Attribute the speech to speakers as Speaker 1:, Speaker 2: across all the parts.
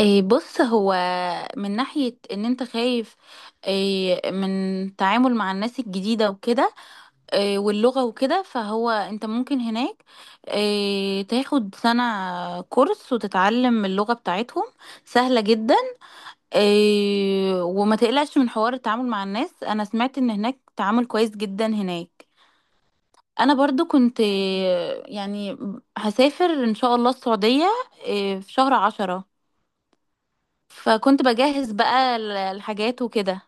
Speaker 1: إيه، بص. هو من ناحية ان انت خايف، إيه، من تعامل مع الناس الجديدة وكده. إيه، واللغة وكده. فهو انت ممكن هناك، إيه، تاخد سنة كورس وتتعلم اللغة بتاعتهم. سهلة جدا. إيه، وما تقلقش من حوار التعامل مع الناس. انا سمعت ان هناك تعامل كويس جدا هناك. انا برضو كنت إيه، يعني هسافر ان شاء الله السعودية، إيه، في شهر 10. فكنت بجهز بقى الحاجات وكده.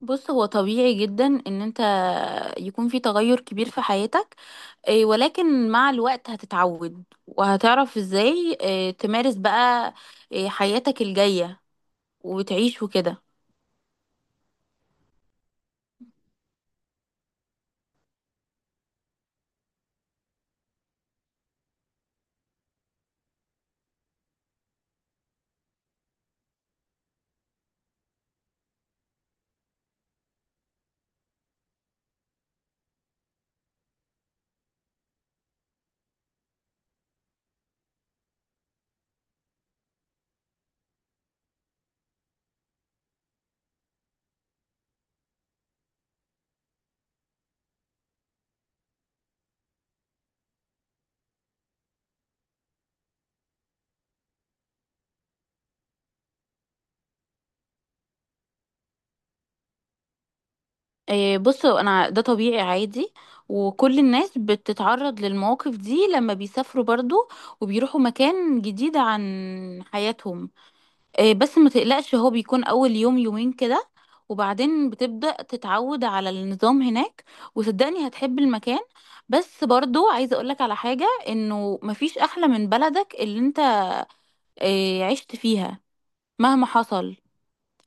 Speaker 1: بص، هو طبيعي جدا ان انت يكون في تغير كبير في حياتك، إيه، ولكن مع الوقت هتتعود وهتعرف ازاي، إيه، تمارس بقى، إيه، حياتك الجاية وتعيش وكده. إيه، بص انا ده طبيعي عادي، وكل الناس بتتعرض للمواقف دي لما بيسافروا برضو، وبيروحوا مكان جديد عن حياتهم. بس ما تقلقش، هو بيكون اول يوم يومين كده، وبعدين بتبدأ تتعود على النظام هناك. وصدقني هتحب المكان. بس برضو عايزة اقولك على حاجة، انه مفيش احلى من بلدك اللي انت عشت فيها مهما حصل.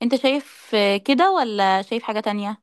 Speaker 1: انت شايف كده، ولا شايف حاجة تانية؟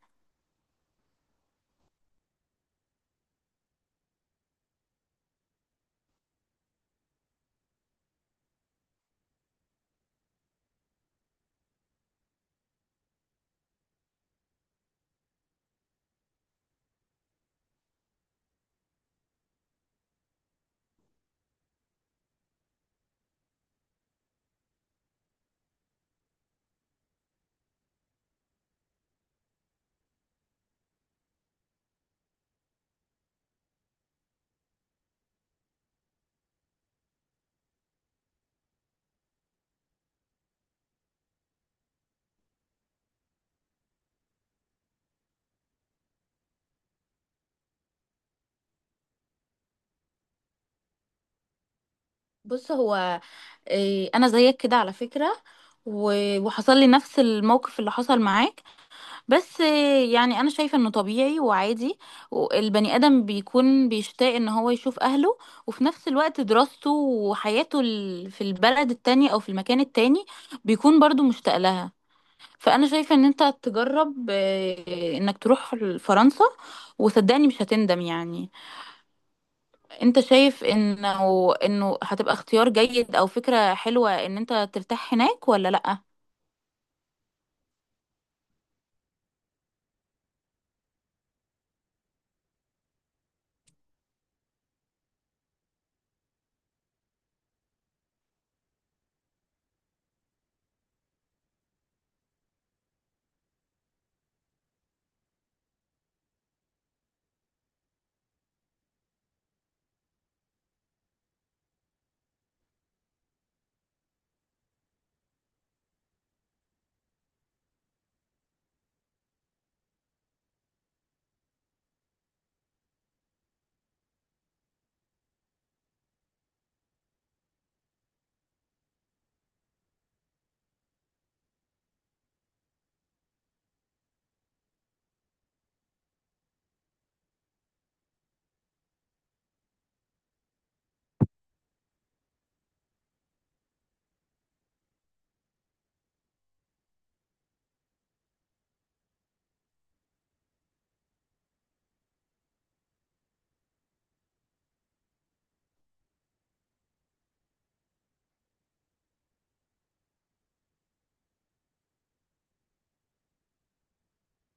Speaker 1: بص هو، انا زيك كده على فكرة. و- وحصل لي نفس الموقف اللي حصل معاك. بس يعني انا شايفه انه طبيعي وعادي. البني ادم بيكون بيشتاق ان هو يشوف اهله، وفي نفس الوقت دراسته وحياته في البلد التانية او في المكان التاني بيكون برضو مشتاق لها. فانا شايفه ان انت تجرب، انك تروح فرنسا. وصدقني مش هتندم يعني. انت شايف انه هتبقى اختيار جيد او فكره حلوه ان انت ترتاح هناك ولا لا؟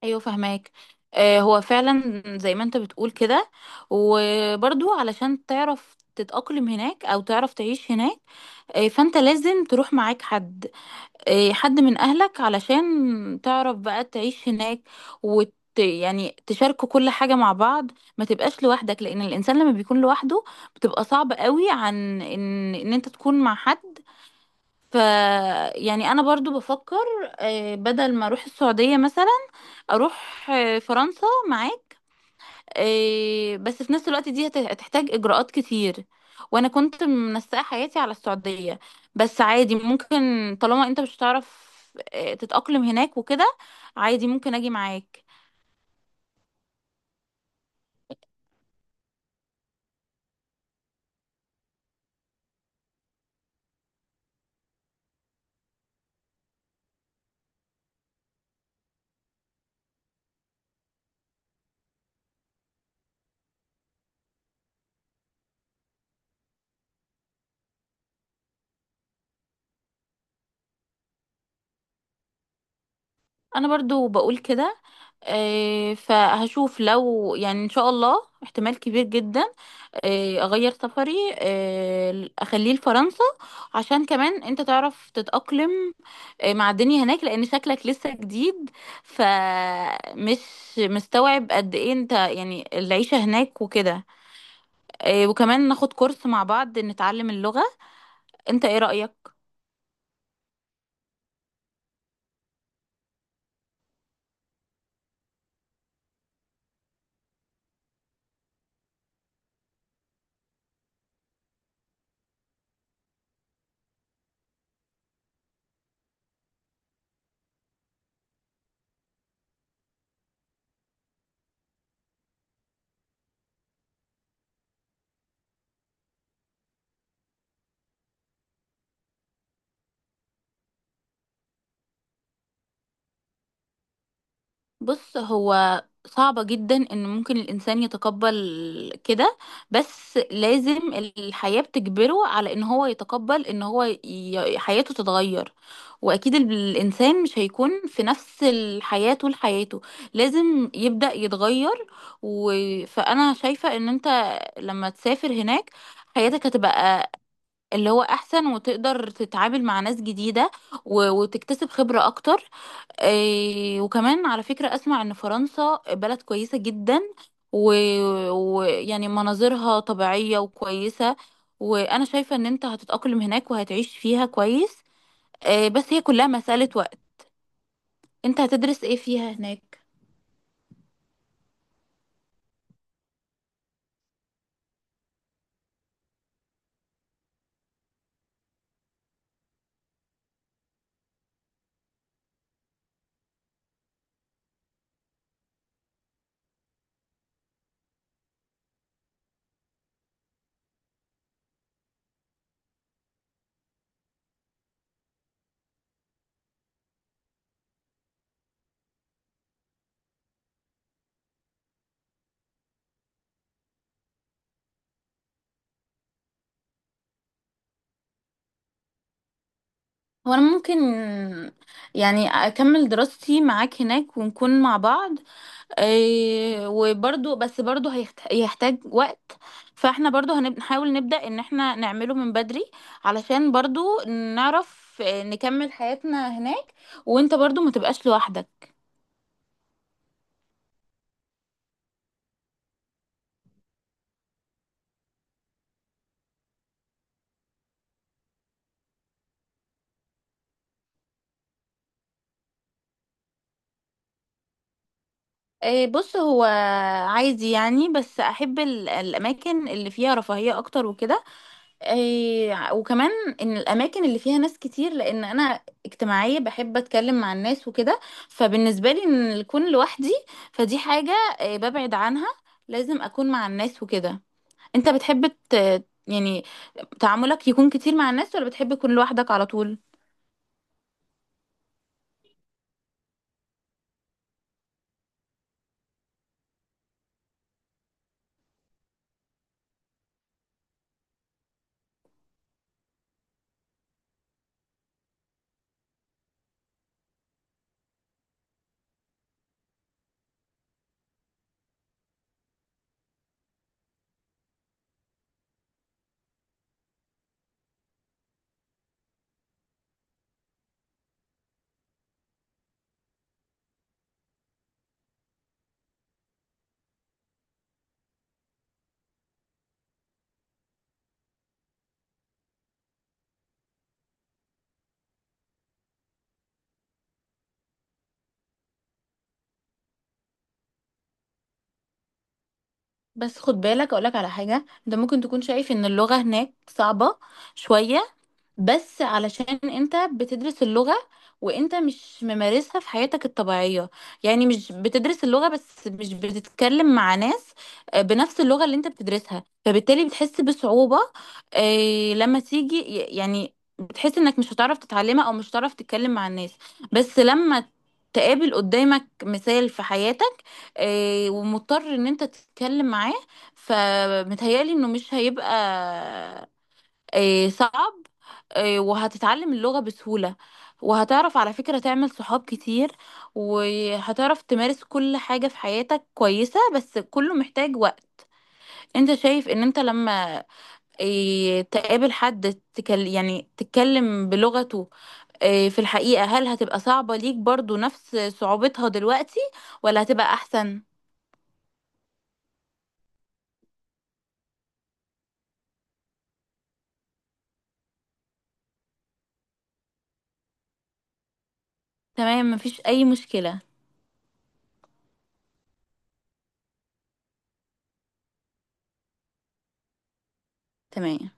Speaker 1: ايوه، فهماك. هو فعلا زي ما انت بتقول كده. وبرضو علشان تعرف تتأقلم هناك او تعرف تعيش هناك، فانت لازم تروح معاك حد، حد من اهلك علشان تعرف بقى تعيش هناك. وت يعني تشاركوا كل حاجة مع بعض. ما تبقاش لوحدك، لان الانسان لما بيكون لوحده بتبقى صعب قوي عن ان انت تكون مع حد. ف يعني انا برضو بفكر، بدل ما اروح السعودية مثلا اروح، فرنسا معاك. بس في نفس الوقت دي هتحتاج اجراءات كتير. وانا كنت منسقه حياتي على السعوديه. بس عادي ممكن، طالما انت مش هتعرف، تتاقلم هناك وكده، عادي ممكن اجي معاك. انا برضو بقول كده. فهشوف لو يعني ان شاء الله احتمال كبير جدا اغير سفري، اخليه لفرنسا، عشان كمان انت تعرف تتأقلم مع الدنيا هناك، لان شكلك لسه جديد، فمش مستوعب قد ايه انت يعني العيشة هناك وكده. وكمان ناخد كورس مع بعض نتعلم اللغة. انت ايه رأيك؟ بص هو صعبة جدا ان ممكن الانسان يتقبل كده، بس لازم الحياة بتجبره على ان هو يتقبل ان هو حياته تتغير. واكيد الانسان مش هيكون في نفس الحياة طول حياته، لازم يبدأ يتغير. و... فانا شايفة ان انت لما تسافر هناك حياتك هتبقى اللي هو احسن، وتقدر تتعامل مع ناس جديدة و... وتكتسب خبرة اكتر. إيه، وكمان على فكرة أسمع إن فرنسا بلد كويسة جدا، ويعني يعني مناظرها طبيعية وكويسة. وأنا شايفة إن أنت هتتأقلم هناك وهتعيش فيها كويس. إيه، بس هي كلها مسألة وقت. أنت هتدرس إيه فيها هناك؟ وأنا ممكن يعني أكمل دراستي معاك هناك ونكون مع بعض، إيه، وبرضو بس برضو هيحتاج وقت. فاحنا برضو هنحاول نبدأ ان احنا نعمله من بدري، علشان برضو نعرف، نكمل حياتنا هناك وانت برضو ما تبقاش لوحدك. بص هو عايز يعني، بس احب الاماكن اللي فيها رفاهية اكتر وكده. إيه، وكمان ان الاماكن اللي فيها ناس كتير، لان انا اجتماعيه، بحب اتكلم مع الناس وكده. فبالنسبه لي ان الكون لوحدي فدي حاجه، إيه، ببعد عنها. لازم اكون مع الناس وكده. انت بتحب يعني تعاملك يكون كتير مع الناس، ولا بتحب تكون لوحدك على طول؟ بس خد بالك اقولك على حاجه. انت ممكن تكون شايف ان اللغه هناك صعبه شويه، بس علشان انت بتدرس اللغة وانت مش ممارسها في حياتك الطبيعية. يعني مش بتدرس اللغة بس مش بتتكلم مع ناس بنفس اللغة اللي انت بتدرسها، فبالتالي بتحس بصعوبة، لما تيجي يعني بتحس انك مش هتعرف تتعلمها او مش هتعرف تتكلم مع الناس. بس لما تقابل قدامك مثال في حياتك، ومضطر ان انت تتكلم معاه، فمتهيألي انه مش هيبقى صعب، وهتتعلم اللغة بسهولة. وهتعرف على فكرة تعمل صحاب كتير، وهتعرف تمارس كل حاجة في حياتك كويسة، بس كله محتاج وقت. انت شايف ان انت لما تقابل حد يعني تتكلم بلغته، في الحقيقة هل هتبقى صعبة ليك برضو نفس صعوبتها دلوقتي، ولا هتبقى احسن؟ تمام، مفيش اي مشكلة. تمام.